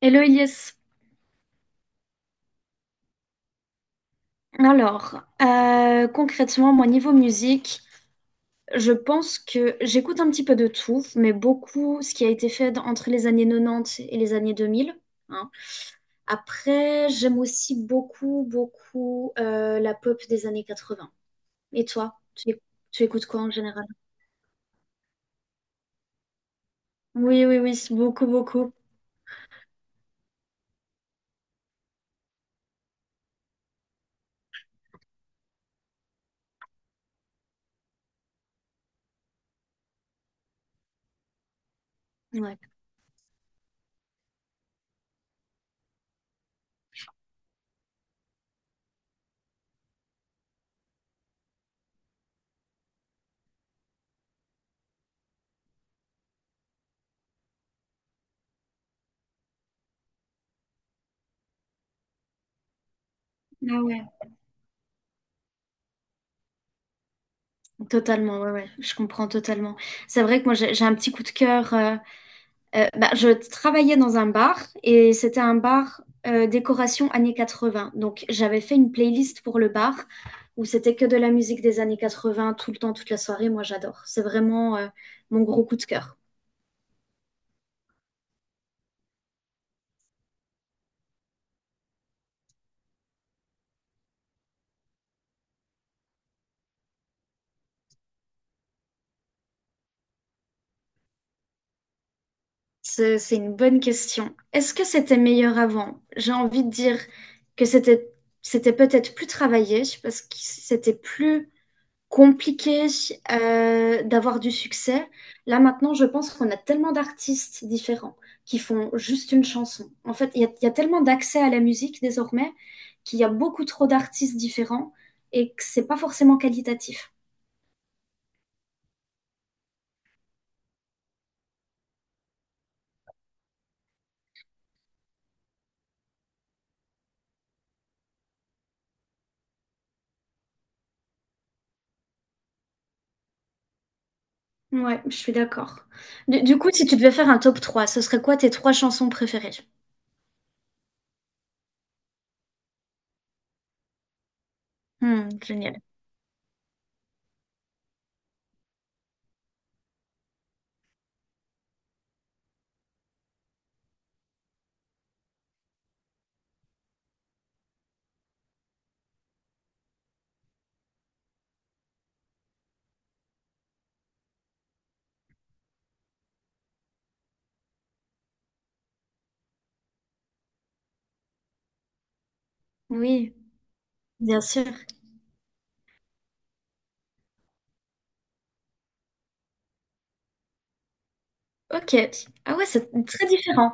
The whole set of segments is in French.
Hello Elias. Alors, concrètement, moi, niveau musique, je pense que j'écoute un petit peu de tout, mais beaucoup ce qui a été fait entre les années 90 et les années 2000, hein. Après, j'aime aussi beaucoup, beaucoup la pop des années 80. Et toi, tu écoutes quoi en général? Oui, oui, oui, c'est beaucoup, beaucoup. Ouais. Ah ouais. Totalement, ouais, ouais, je comprends totalement. C'est vrai que moi, j'ai un petit coup de cœur. Je travaillais dans un bar, et c'était un bar, décoration années 80. Donc j'avais fait une playlist pour le bar où c'était que de la musique des années 80 tout le temps, toute la soirée. Moi j'adore. C'est vraiment mon gros coup de cœur. C'est une bonne question. Est-ce que c'était meilleur avant? J'ai envie de dire que c'était peut-être plus travaillé parce que c'était plus compliqué d'avoir du succès. Là maintenant, je pense qu'on a tellement d'artistes différents qui font juste une chanson. En fait, il y a tellement d'accès à la musique désormais qu'il y a beaucoup trop d'artistes différents, et que c'est pas forcément qualitatif. Ouais, je suis d'accord. Du coup, si tu devais faire un top trois, ce serait quoi tes trois chansons préférées? Hmm, génial. Oui, bien sûr. Ok. Ah ouais, c'est très différent.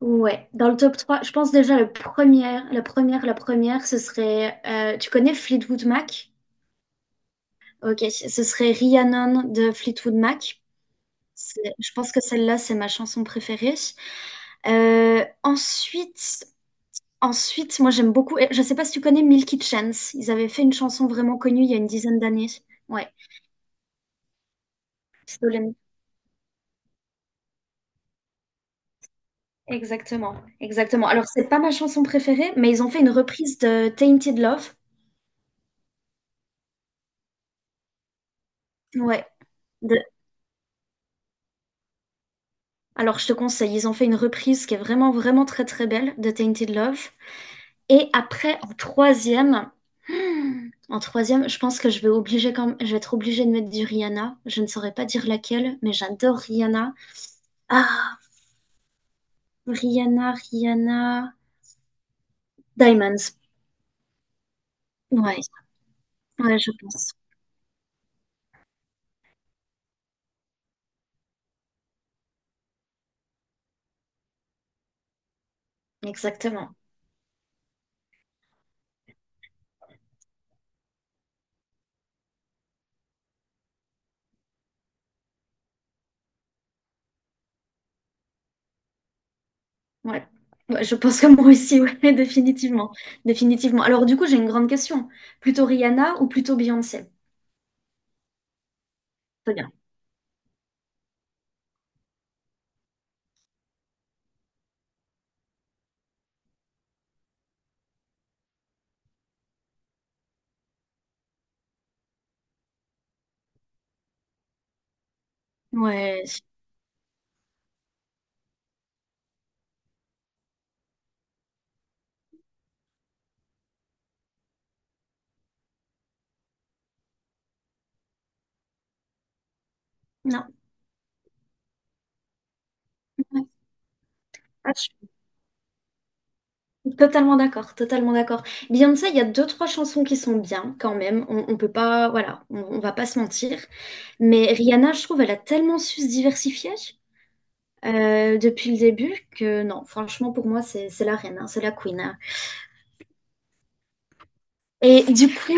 Ouais, dans le top 3, je pense déjà le première, la première, la première, ce serait, tu connais Fleetwood Mac? Ok, ce serait Rhiannon de Fleetwood Mac. Je pense que celle-là, c'est ma chanson préférée. Euh, ensuite, ensuite, moi j'aime beaucoup, et je sais pas si tu connais Milky Chance, ils avaient fait une chanson vraiment connue il y a une dizaine d'années. Ouais, Stolen. Exactement, exactement. Alors c'est pas ma chanson préférée, mais ils ont fait une reprise de Tainted Love. Ouais. Alors, je te conseille, ils ont fait une reprise qui est vraiment, vraiment très, très belle de Tainted Love. Et après, en troisième, en troisième, je pense que je vais obliger quand même, je vais être obligée de mettre du Rihanna. Je ne saurais pas dire laquelle, mais j'adore Rihanna. Ah, Rihanna, Rihanna, Diamonds. Ouais, ouais, je pense. Exactement. Ouais. Ouais, je pense que moi aussi, ouais, définitivement. Définitivement. Alors, du coup, j'ai une grande question. Plutôt Rihanna ou plutôt Beyoncé? Très bien. Ouais. Non. Ouais. Ah, totalement d'accord, totalement d'accord. Beyoncé, il y a deux, trois chansons qui sont bien quand même. On peut pas, voilà, on va pas se mentir. Mais Rihanna, je trouve, elle a tellement su se diversifier depuis le début que non, franchement, pour moi, c'est la reine, hein, c'est la queen, hein. Et du coup,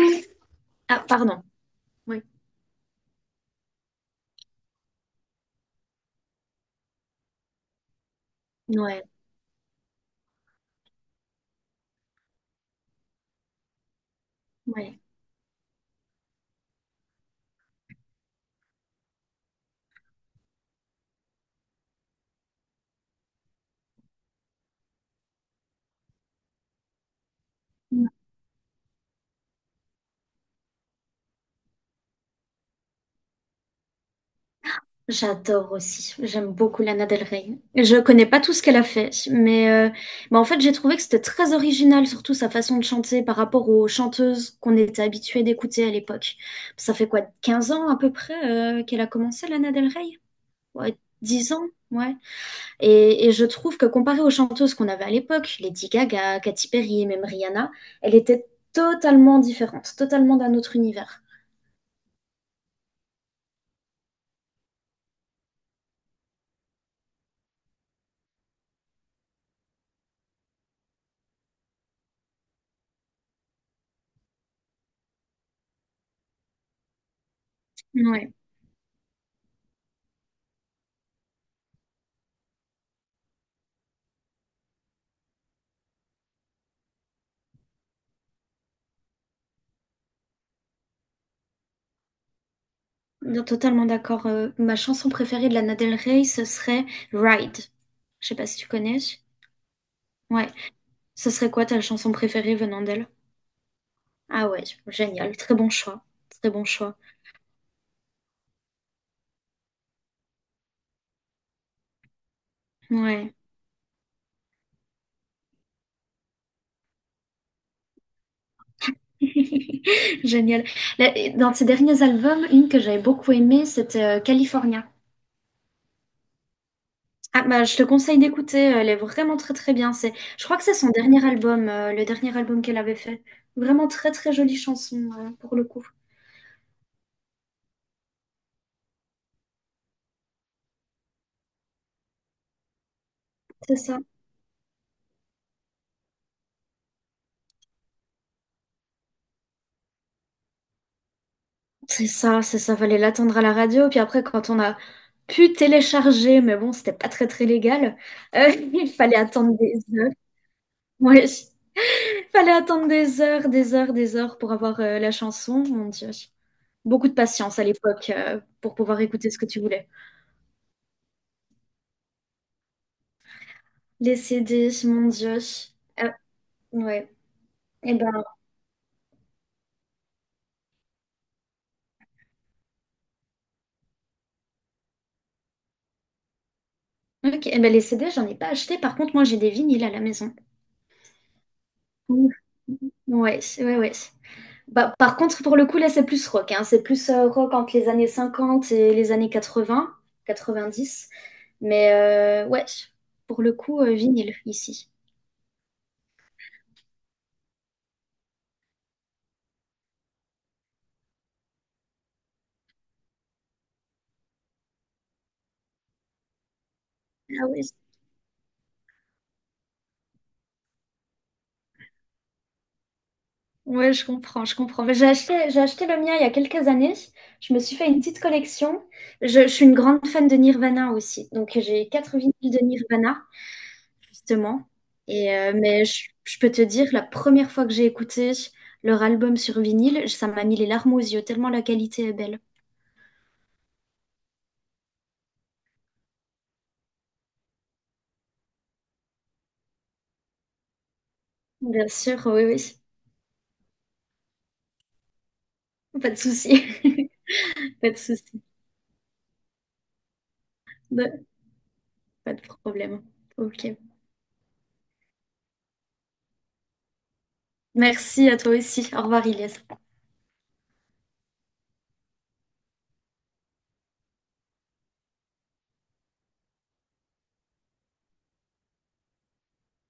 ah, pardon. Oui, ouais, ouais. J'adore aussi. J'aime beaucoup Lana Del Rey. Je connais pas tout ce qu'elle a fait, mais en fait, j'ai trouvé que c'était très original, surtout sa façon de chanter par rapport aux chanteuses qu'on était habitués d'écouter à l'époque. Ça fait quoi, 15 ans à peu près, qu'elle a commencé, Lana Del Rey? Ouais, 10 ans, ouais. Et je trouve que comparé aux chanteuses qu'on avait à l'époque, Lady Gaga, Katy Perry, même Rihanna, elle était totalement différente, totalement d'un autre univers. Non, totalement d'accord. Ma chanson préférée de Lana Del Rey, ce serait Ride. Je sais pas si tu connais. Ouais. Ce serait quoi ta chanson préférée venant d'elle? Ah ouais, génial. Très bon choix. Très bon choix. Ouais. Génial. Là, dans ses derniers albums, une que j'avais beaucoup aimée, c'était California. Ah bah je te conseille d'écouter, elle est vraiment très très bien. C'est, je crois que c'est son dernier album, le dernier album qu'elle avait fait. Vraiment très très jolie chanson pour le coup. C'est ça. C'est ça, c'est ça, fallait l'attendre à la radio. Puis après, quand on a pu télécharger, mais bon, c'était pas très très légal, il fallait attendre des heures. Ouais, il fallait attendre des heures, des heures, des heures pour avoir la chanson. Mon Dieu. Beaucoup de patience à l'époque pour pouvoir écouter ce que tu voulais. Les CD, mon Dieu. Euh, ouais. Eh ben, ok. Eh ben, les CD, j'en ai pas acheté. Par contre, moi, j'ai des vinyles à la maison. Ouf. Ouais, ouais, ouais. Bah, par contre, pour le coup, là, c'est plus rock, hein. C'est plus rock entre les années 50 et les années 80, 90. Mais ouais, pour le coup, vinyle ici. Ah oui. Ouais, je comprends, je comprends. Mais j'ai acheté le mien il y a quelques années. Je me suis fait une petite collection. Je suis une grande fan de Nirvana aussi. Donc, j'ai 4 vinyles de Nirvana, justement. Et, mais je peux te dire, la première fois que j'ai écouté leur album sur vinyle, ça m'a mis les larmes aux yeux, tellement la qualité est belle. Bien sûr, oui, oui. Pas de souci. Pas de souci. De- Pas de problème. Ok. Merci à toi aussi. Au revoir, Ilias.